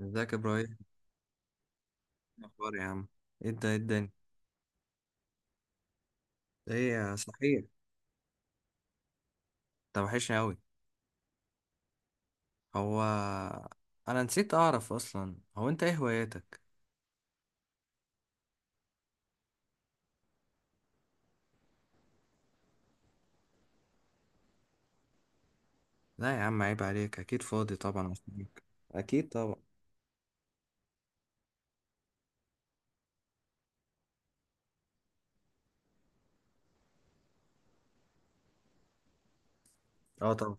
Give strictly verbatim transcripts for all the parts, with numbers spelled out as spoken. ازيك يا ابراهيم؟ إيه الاخبار يا عم؟ ايه ده؟ ايه الدنيا؟ ايه صحيح. انت وحشني اوي. هو انا نسيت اعرف اصلا، هو انت ايه هواياتك؟ لا يا عم عيب عليك، اكيد فاضي طبعا عشانك. اكيد طبعا. اه طبعا.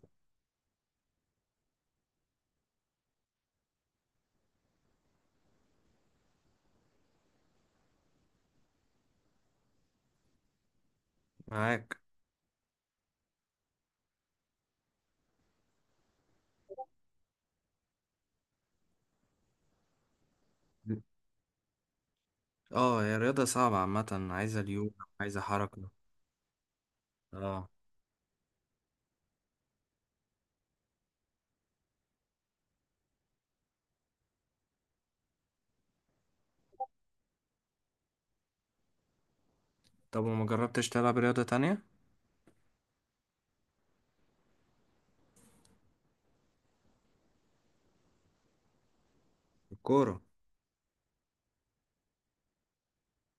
معاك. اه، هي الرياضة صعبة عامة، عايزة ليونة. عايزة حركة. اه، طب وما جربتش تلعب رياضة تانية؟ الكورة؟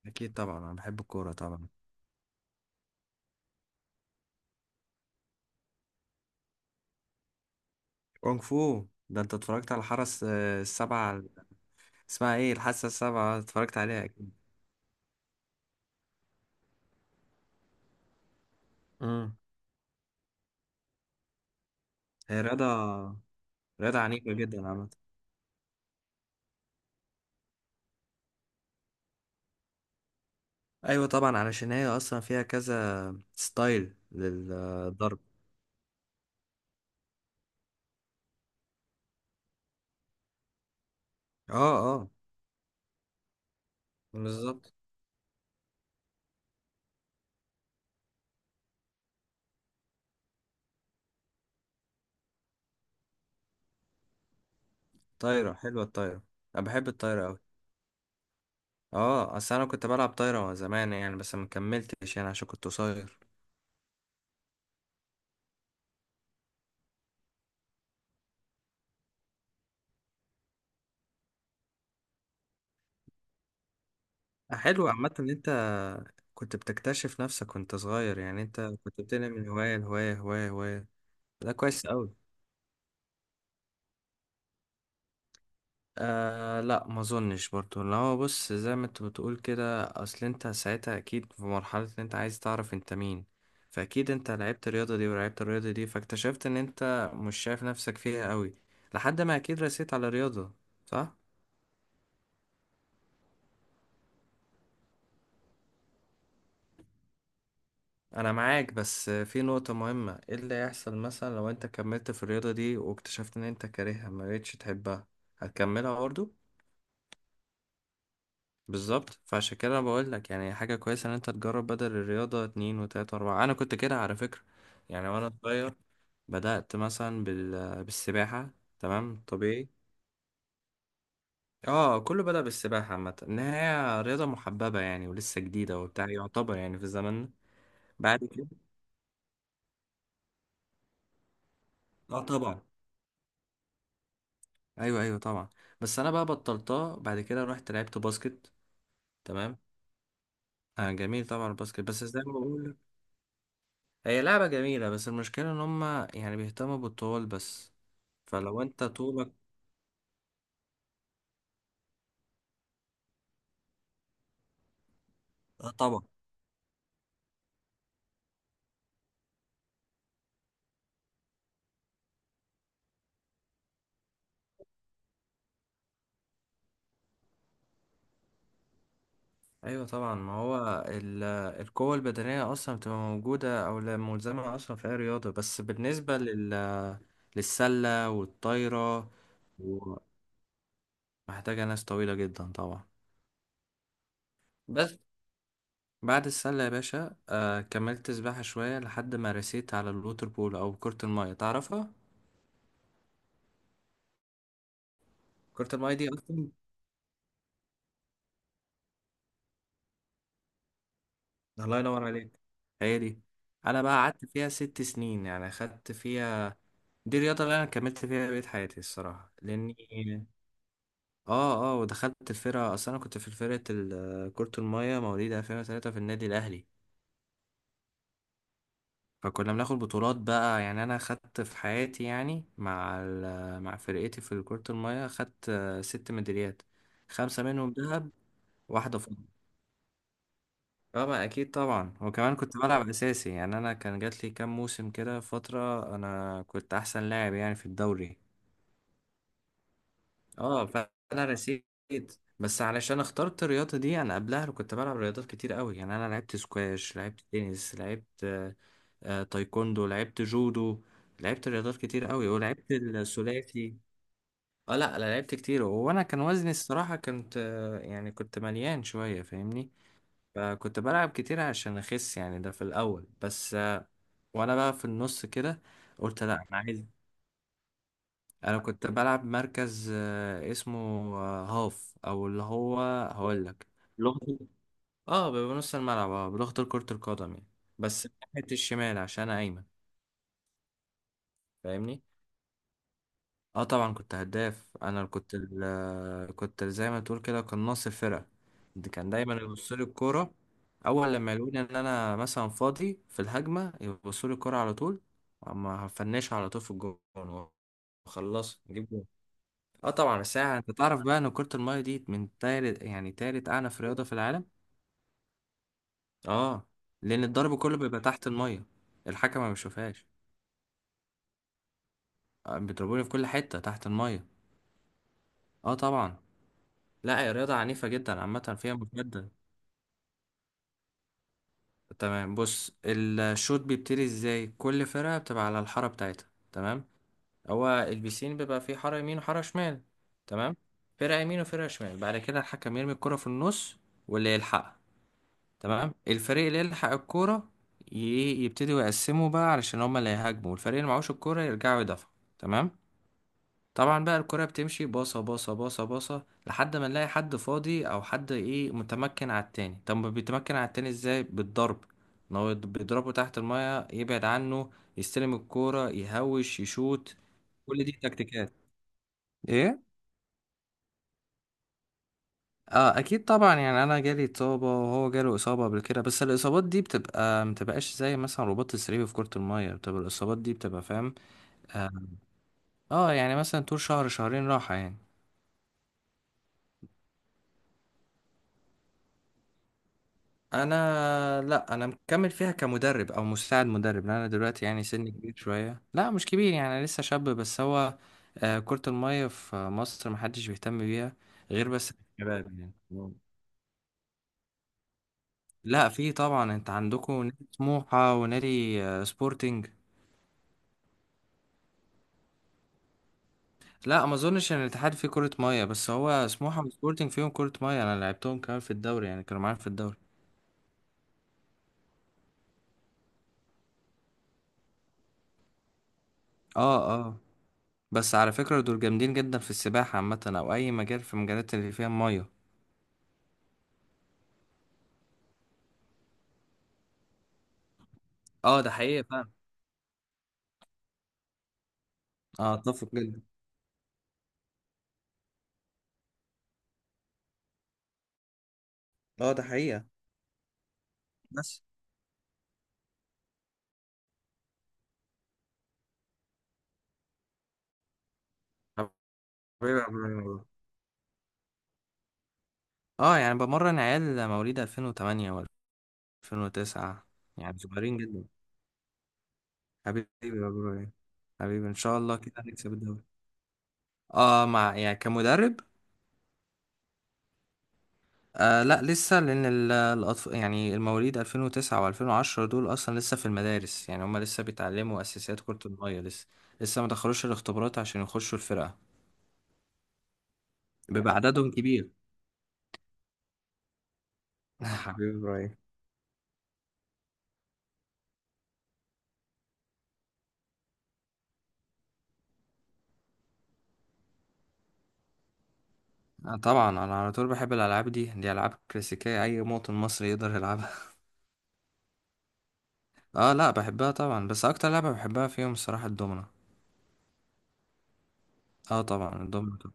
اكيد طبعا انا بحب الكورة طبعا. كونغ فو ده، انت اتفرجت على الحرس آه، السبعة؟ اسمها ايه؟ الحاسة السبعة، اتفرجت عليها اكيد. مم. هي رياضة. رياضة عنيفة جدا عامة. أيوة طبعا، علشان هي أصلا فيها كذا ستايل للضرب. اه اه. بالظبط. طايرة، حلوة الطايرة. أنا بحب الطايرة أوي. اه، أصل أنا كنت بلعب طايرة زمان يعني، بس ما كملتش يعني عشان كنت قصير. حلو عامة إن أنت كنت بتكتشف نفسك وأنت صغير، يعني أنت كنت بتنقل من هواية لهواية، هواية هواية. ده كويس أوي. آه لا ما اظنش برضو، لو هو بص زي ما انت بتقول كده، اصل انت ساعتها اكيد في مرحلة ان انت عايز تعرف انت مين. فاكيد انت لعبت الرياضة دي ولعبت الرياضة دي، فاكتشفت ان انت مش شايف نفسك فيها قوي لحد ما اكيد رسيت على الرياضة. صح. انا معاك، بس في نقطة مهمة: ايه اللي هيحصل مثلا لو انت كملت في الرياضة دي واكتشفت ان انت كارهها، ما بقتش تحبها؟ هتكملها برضو؟ بالظبط، فعشان كده بقول لك يعني حاجة كويسة ان انت تجرب بدل الرياضة اتنين وتلاتة واربعة. انا كنت كده على فكرة، يعني وانا صغير. بدأت مثلا بال... بالسباحة. تمام طبيعي. اه كله بدأ بالسباحة عامة، ان هي رياضة محببة يعني ولسه جديدة وبتاع، يعتبر يعني في زماننا. بعد كده. اه طبعا. ايوه ايوه طبعا. بس انا بقى بطلتها بعد كده رحت لعبت باسكت. تمام. آه جميل طبعا الباسكت، بس زي ما بقول هي لعبة جميلة، بس المشكلة ان هما يعني بيهتموا بالطول بس. فلو انت طولك. آه طبعا. ايوه طبعا. ما هو ال- القوة البدنية اصلا بتبقى موجودة او لا ملزمة اصلا في اي رياضة، بس بالنسبة لل... للسلة والطايرة محتاجة ناس طويلة جدا طبعا. بس بعد السلة يا باشا، آه كملت سباحة شوية لحد ما رسيت على الووتر بول او كرة المية، تعرفها؟ كرة المية دي اصلا. الله ينور عليك. هي دي. انا بقى قعدت فيها ست سنين، يعني خدت فيها. دي الرياضه اللي انا كملت فيها بقية حياتي الصراحه، لاني اه اه. ودخلت الفرقه اصلا، انا كنت في فرقه ال- كره الميه مواليد ألفين وثلاثة في النادي الاهلي. فكنا بناخد بطولات بقى، يعني انا خدت في حياتي يعني مع ال- مع فرقتي في كره الميه، خدت آه، ست ميداليات. خمسه منهم ذهب واحده. طبعا اكيد طبعا، وكمان كنت بلعب اساسي. يعني انا كان جات لي كام موسم كده فتره انا كنت احسن لاعب يعني في الدوري. اه فانا رسيت. بس علشان اخترت الرياضه دي، انا قبلها كنت بلعب رياضات كتير قوي. يعني انا لعبت سكواش، لعبت تنس، لعبت آه، آه، تايكوندو، لعبت جودو، لعبت رياضات كتير قوي، ولعبت الثلاثي. اه لا لا لعبت كتير، وانا كان وزني الصراحه كنت آه، يعني كنت مليان شويه، فاهمني؟ فكنت بلعب كتير عشان اخس يعني، ده في الاول بس. آه، وانا بقى في النص كده قلت لا انا عايز. انا كنت بلعب مركز آه، اسمه آه، هاف، او اللي هو، هقول لك لغة. اه بيبقى نص الملعب اه بلغة كرة القدم يعني. بس ناحية الشمال عشان انا ايمن، فاهمني؟ اه طبعا كنت هداف. انا اللي كنت ال كنت زي ما تقول كده قناص الفرقه. ده كان دايما يبص لي الكوره. اول لما يلاقوني ان انا مثلا فاضي في الهجمه يبصوا لي الكوره على طول. اما هفنشها على طول في الجون. وخلص نجيب جون. اه طبعا. بس يعني انت تعرف بقى ان كره الميه دي من تالت، يعني تالت اعنف رياضه في العالم. اه، لان الضرب كله بيبقى تحت الميه. الحكم ما بيشوفهاش. آه، بيضربوني في كل حته تحت الميه. اه طبعا. لا هي رياضة عنيفة جدا عامة، فيها مجهد. تمام بص، الشوط بيبتدي ازاي؟ كل فرقة بتبقى على الحارة بتاعتها. تمام. هو البيسين بيبقى فيه حارة يمين وحارة شمال. تمام. فرقة يمين وفرقة شمال، بعد كده الحكم يرمي الكرة في النص، واللي يلحقها. تمام، الفريق اللي يلحق الكرة ي- يبتدي يقسموا بقى، علشان هما اللي هيهاجموا، والفريق اللي معهوش الكرة يرجعوا يدافعوا. تمام. طبعا بقى الكرة بتمشي باصة باصة باصة باصة لحد ما نلاقي حد فاضي او حد ايه متمكن على التاني. طب ما بيتمكن على التاني ازاي؟ بالضرب. ان هو يض- بيضربه تحت المية، يبعد عنه، يستلم الكورة، يهوش، يشوت. كل دي تكتيكات. ايه. اه اكيد طبعا، يعني انا جالي اصابة وهو جاله اصابة قبل كده، بس الاصابات دي بتبقى، متبقاش زي مثلا رباط السري. في كرة المية بتبقى الاصابات دي بتبقى، فاهم؟ اه. آه، يعني مثلا طول شهر شهرين راحة يعني. انا، لا انا مكمل فيها كمدرب او مساعد مدرب. لان انا دلوقتي يعني سني كبير شويه، لا مش كبير يعني انا لسه شاب، بس هو آه، كرة المية في مصر محدش بيهتم بيها غير بس الشباب يعني. لا في طبعا، انت عندكم نادي سموحة ونادي آه، سبورتنج. لا ما اظنش ان الاتحاد فيه كرة مية، بس هو سموحة وسبورتنج فيهم كرة مية، انا لعبتهم كمان في الدوري يعني كانوا معانا في الدوري. اه اه. بس على فكرة دول جامدين جدا في السباحة عامة، او اي مجال في مجالات اللي فيها مية. اه ده حقيقي فعلا. اه اتفق جدا. اه ده حقيقة. بس حبيبي يا عبد الله. اه يعني بمرن عيال مواليد ألفين وتمانية و2009، يعني صغيرين جدا. حبيبي يا برو. حبيبي ان شاء الله كده هنكسب الدوري. اه، مع يعني كمدرب. آه لا لسه، لان ال- الأطف... يعني المواليد ألفين وتسعة وألفين وعشرة دول اصلا لسه في المدارس، يعني هم لسه بيتعلموا اساسيات كرة المية لسه. لسه ما دخلوش الاختبارات عشان يخشوا الفرقة، بيبقى عددهم كبير. حبيبي يا برو. آه طبعا انا على طول بحب الالعاب دي، دي العاب كلاسيكيه اي مواطن مصري يقدر يلعبها. اه لا بحبها طبعا، بس اكتر لعبه بحبها فيهم الصراحه الدومنه. اه طبعا الدومنه طبعا.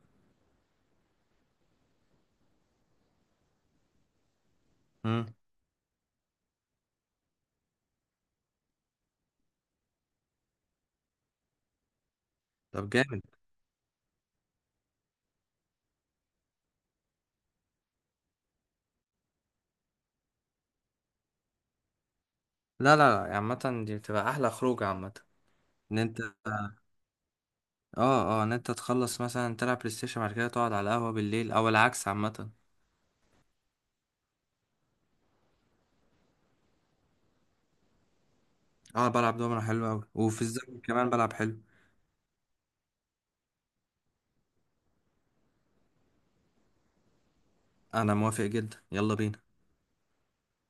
امم. طب جامد. لا لا. لا عامه دي بتبقى احلى خروج عامه. ان انت، اه اه، ان انت تخلص مثلا تلعب بلاي ستيشن بعد كده تقعد على القهوه بالليل، او العكس عامه. اه بلعب دومنه حلو قوي، وفي الزمن كمان بلعب حلو. انا موافق جدا، يلا بينا.